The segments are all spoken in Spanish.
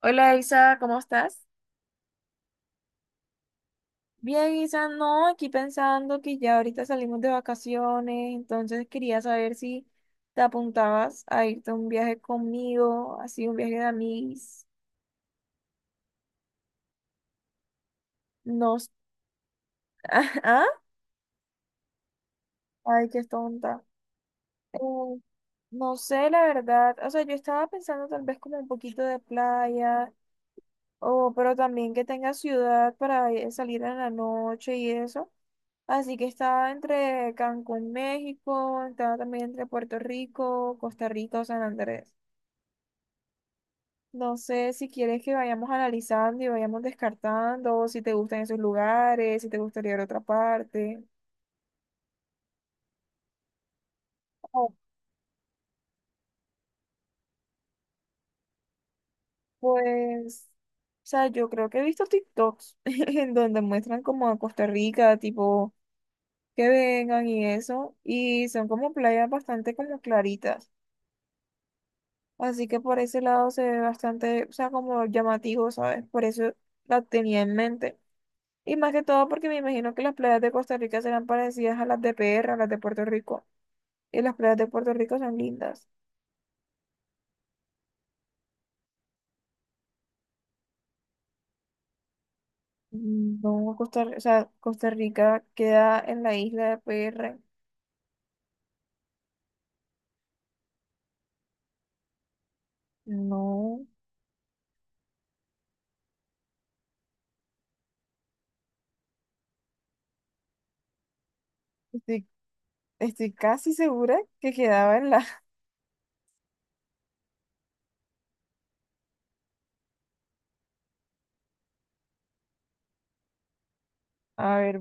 Hola Isa, ¿cómo estás? Bien, Isa, no, aquí pensando que ya ahorita salimos de vacaciones, entonces quería saber si te apuntabas a irte a un viaje conmigo, así un viaje de amigos. No, s- ¿ah? Ay, qué tonta. Eh, no sé, la verdad, o sea, yo estaba pensando tal vez como un poquito de playa, o, pero también que tenga ciudad para ir- salir en la noche y eso. Así que está entre Cancún, México, está también entre Puerto Rico, Costa Rica o San Andrés. No sé si quieres que vayamos analizando y vayamos descartando, si te gustan esos lugares, si te gustaría ir a otra parte. Oh, pues, o sea, yo creo que he visto TikToks en donde muestran como a Costa Rica, tipo, que vengan y eso, y son como playas bastante como claritas. Así que por ese lado se ve bastante, o sea, como llamativo, ¿sabes? Por eso la tenía en mente. Y más que todo porque me imagino que las playas de Costa Rica serán parecidas a las de PR, a las de Puerto Rico. Y las playas de Puerto Rico son lindas. Mm, no, Costa, o sea, Costa Rica queda en la isla de PR. No, estoy, estoy casi segura que quedaba en la... A ver,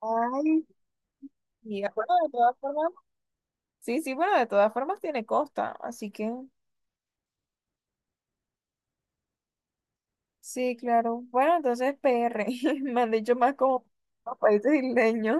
ay, mira, bueno, de todas formas, sí, sí, bueno, de todas formas tiene costa, así que... Sí, claro. Bueno, entonces PR, me han dicho más como los países isleños.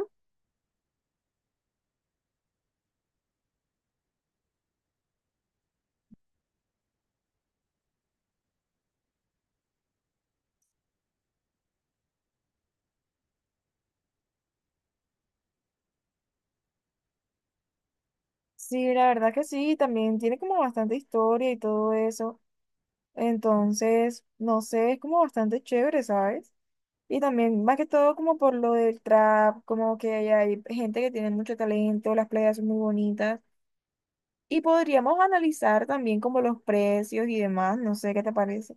Sí, la verdad que sí, también tiene como bastante historia y todo eso. Entonces, no sé, es como bastante chévere, ¿sabes? Y también, más que todo, como por lo del trap, como que hay gente que tiene mucho talento, las playas son muy bonitas. Y podríamos analizar también como los precios y demás, no sé qué te parece.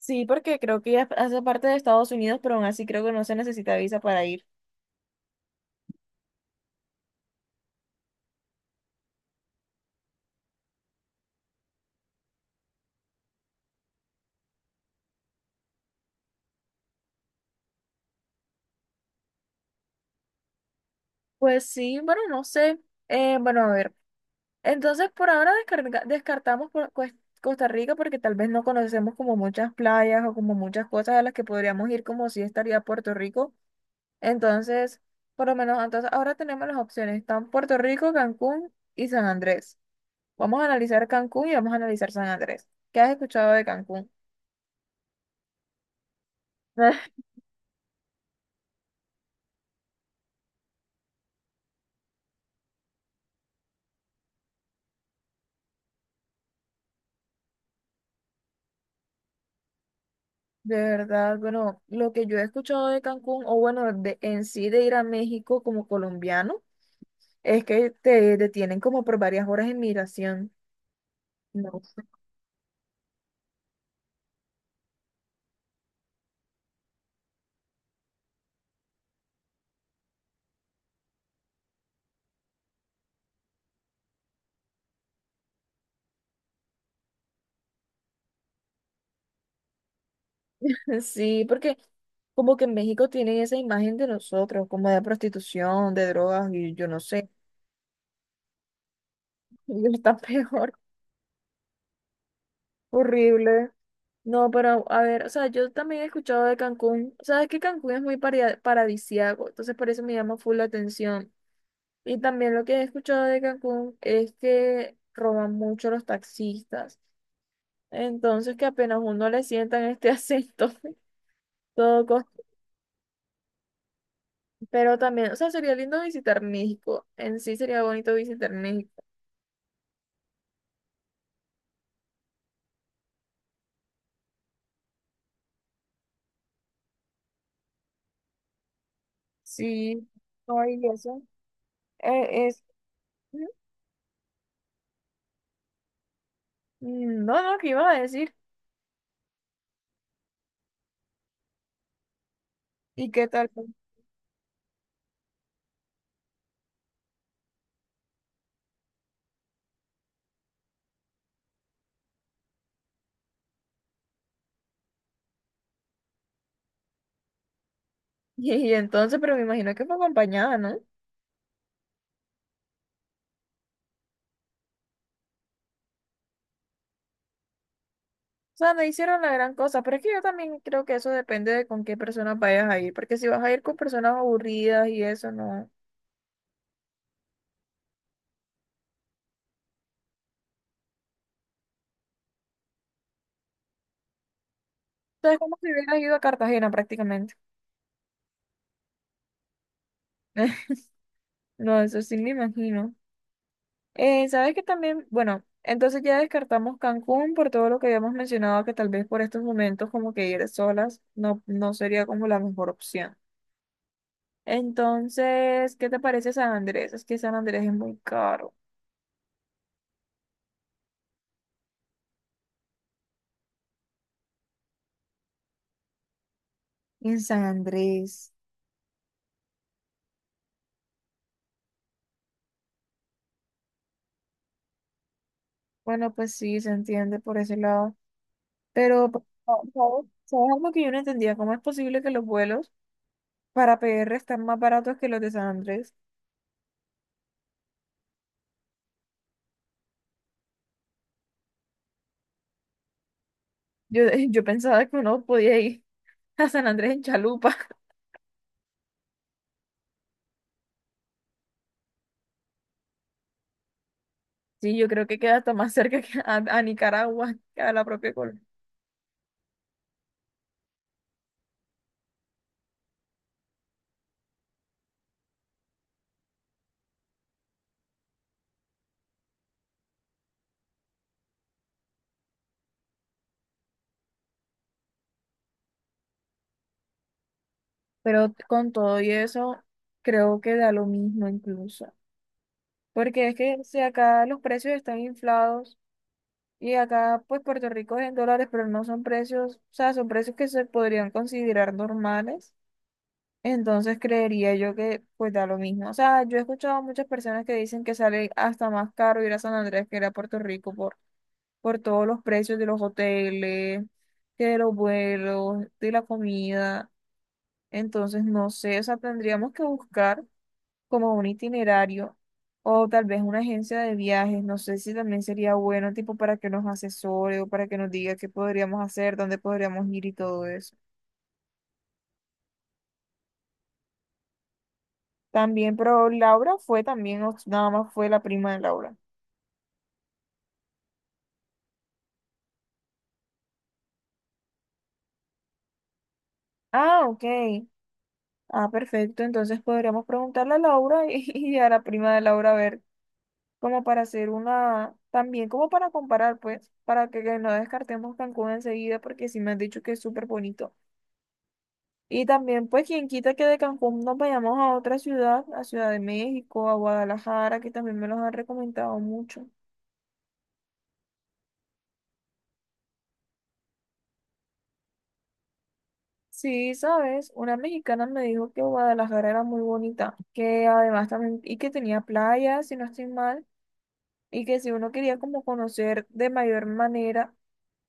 Sí, porque creo que ya hace parte de Estados Unidos, pero aún así creo que no se necesita visa para ir. Pues sí, bueno, no sé. Bueno, a ver. Entonces, por ahora descarga- descartamos por cues- Costa Rica porque tal vez no conocemos como muchas playas o como muchas cosas a las que podríamos ir como si estaría Puerto Rico. Entonces, por lo menos, entonces ahora tenemos las opciones. Están Puerto Rico, Cancún y San Andrés. Vamos a analizar Cancún y vamos a analizar San Andrés. ¿Qué has escuchado de Cancún? Ah, de verdad, bueno, lo que yo he escuchado de Cancún, o bueno, de, en sí de ir a México como colombiano, es que te detienen como por varias horas en migración. No. Sí, porque como que en México tienen esa imagen de nosotros, como de prostitución, de drogas, y yo no sé, ellos están peor, horrible. No, pero a ver, o sea, yo también he escuchado de Cancún, sabes que Cancún es muy paria- paradisíaco, entonces por eso me llama full la atención. Y también lo que he escuchado de Cancún es que roban mucho los taxistas. Entonces que apenas uno le sientan este acento, todo cos- Pero también, o sea, sería lindo visitar México. En sí sería bonito visitar México. Sí, no, y eso. eh, es... Mm, no, no, ¿qué iba a decir? ¿Y qué tal? Y, entonces, pero me imagino que fue acompañada, ¿no? O sea, no hicieron la gran cosa, pero es que yo también creo que eso depende de con qué personas vayas a ir, porque si vas a ir con personas aburridas y eso, no. Entonces, como si hubieran ido a Cartagena prácticamente. No, eso sí me imagino. ¿Sabes que también? Bueno, entonces ya descartamos Cancún por todo lo que habíamos mencionado, que tal vez por estos momentos como que ir solas no sería como la mejor opción. Entonces, ¿qué te parece San Andrés? Es que San Andrés es muy caro. En San Andrés. Bueno, pues sí, se entiende por ese lado. Pero, pa- ¿sabes? ¿Sabes algo que yo no entendía? ¿Cómo es posible que los vuelos para PR están más baratos que los de San Andrés? Yo, yo pensaba que uno podía ir a San Andrés en chalupa. Sí, yo creo que queda hasta más cerca que a Nicaragua, que a la propia Colombia. Pero con todo y eso, creo que da lo mismo incluso. Porque es que si acá los precios están inflados y acá pues Puerto Rico es en dólares, pero no son precios, o sea, son precios que se podrían considerar normales. Entonces creería yo que pues da lo mismo. O sea, yo he escuchado a muchas personas que dicen que sale hasta más caro ir a San Andrés que ir a Puerto Rico por todos los precios de los hoteles, que de los vuelos, de la comida. Entonces, no sé, o sea, tendríamos que buscar como un itinerario o tal vez una agencia de viajes. No sé si también sería bueno, tipo, para que nos asesore o para que nos diga qué podríamos hacer, dónde podríamos ir y todo eso. También, pero Laura fue también, o nada más fue la prima de Laura. Ah, ok. Ah, perfecto. Entonces podríamos preguntarle a Laura y, y a la prima de Laura a ver. Como para hacer una, también como para comparar, pues, para que no descartemos Cancún enseguida, porque sí me han dicho que es súper bonito. Y también, pues, quien quita que de Cancún nos vayamos a otra ciudad, a Ciudad de México, a Guadalajara, que también me los han recomendado mucho. Sí, sabes, una mexicana me dijo que Guadalajara era muy bonita, que además también, y que tenía playas, si no estoy mal, y que si uno quería como conocer de mayor manera,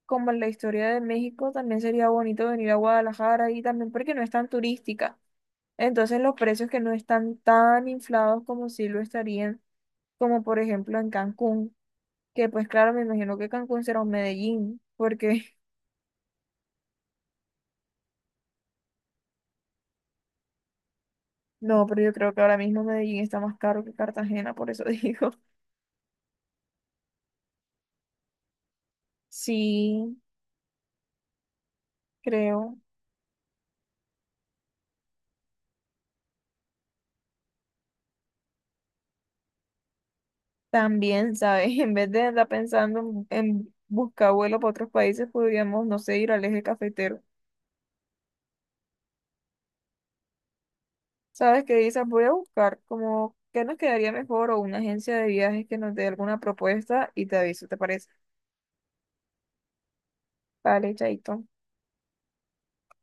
como en la historia de México, también sería bonito venir a Guadalajara y también porque no es tan turística. Entonces los precios que no están tan inflados como si lo estarían, como por ejemplo en Cancún, que pues claro, me imagino que Cancún será un Medellín, porque no, pero yo creo que ahora mismo Medellín está más caro que Cartagena, por eso digo. Sí, creo. También, ¿sabes? En vez de andar pensando en buscar vuelo para otros países, podríamos, no sé, ir al eje cafetero. ¿Sabes qué dices? Voy a buscar como qué nos quedaría mejor o una agencia de viajes que nos dé alguna propuesta y te aviso, ¿te parece? Vale, chaito.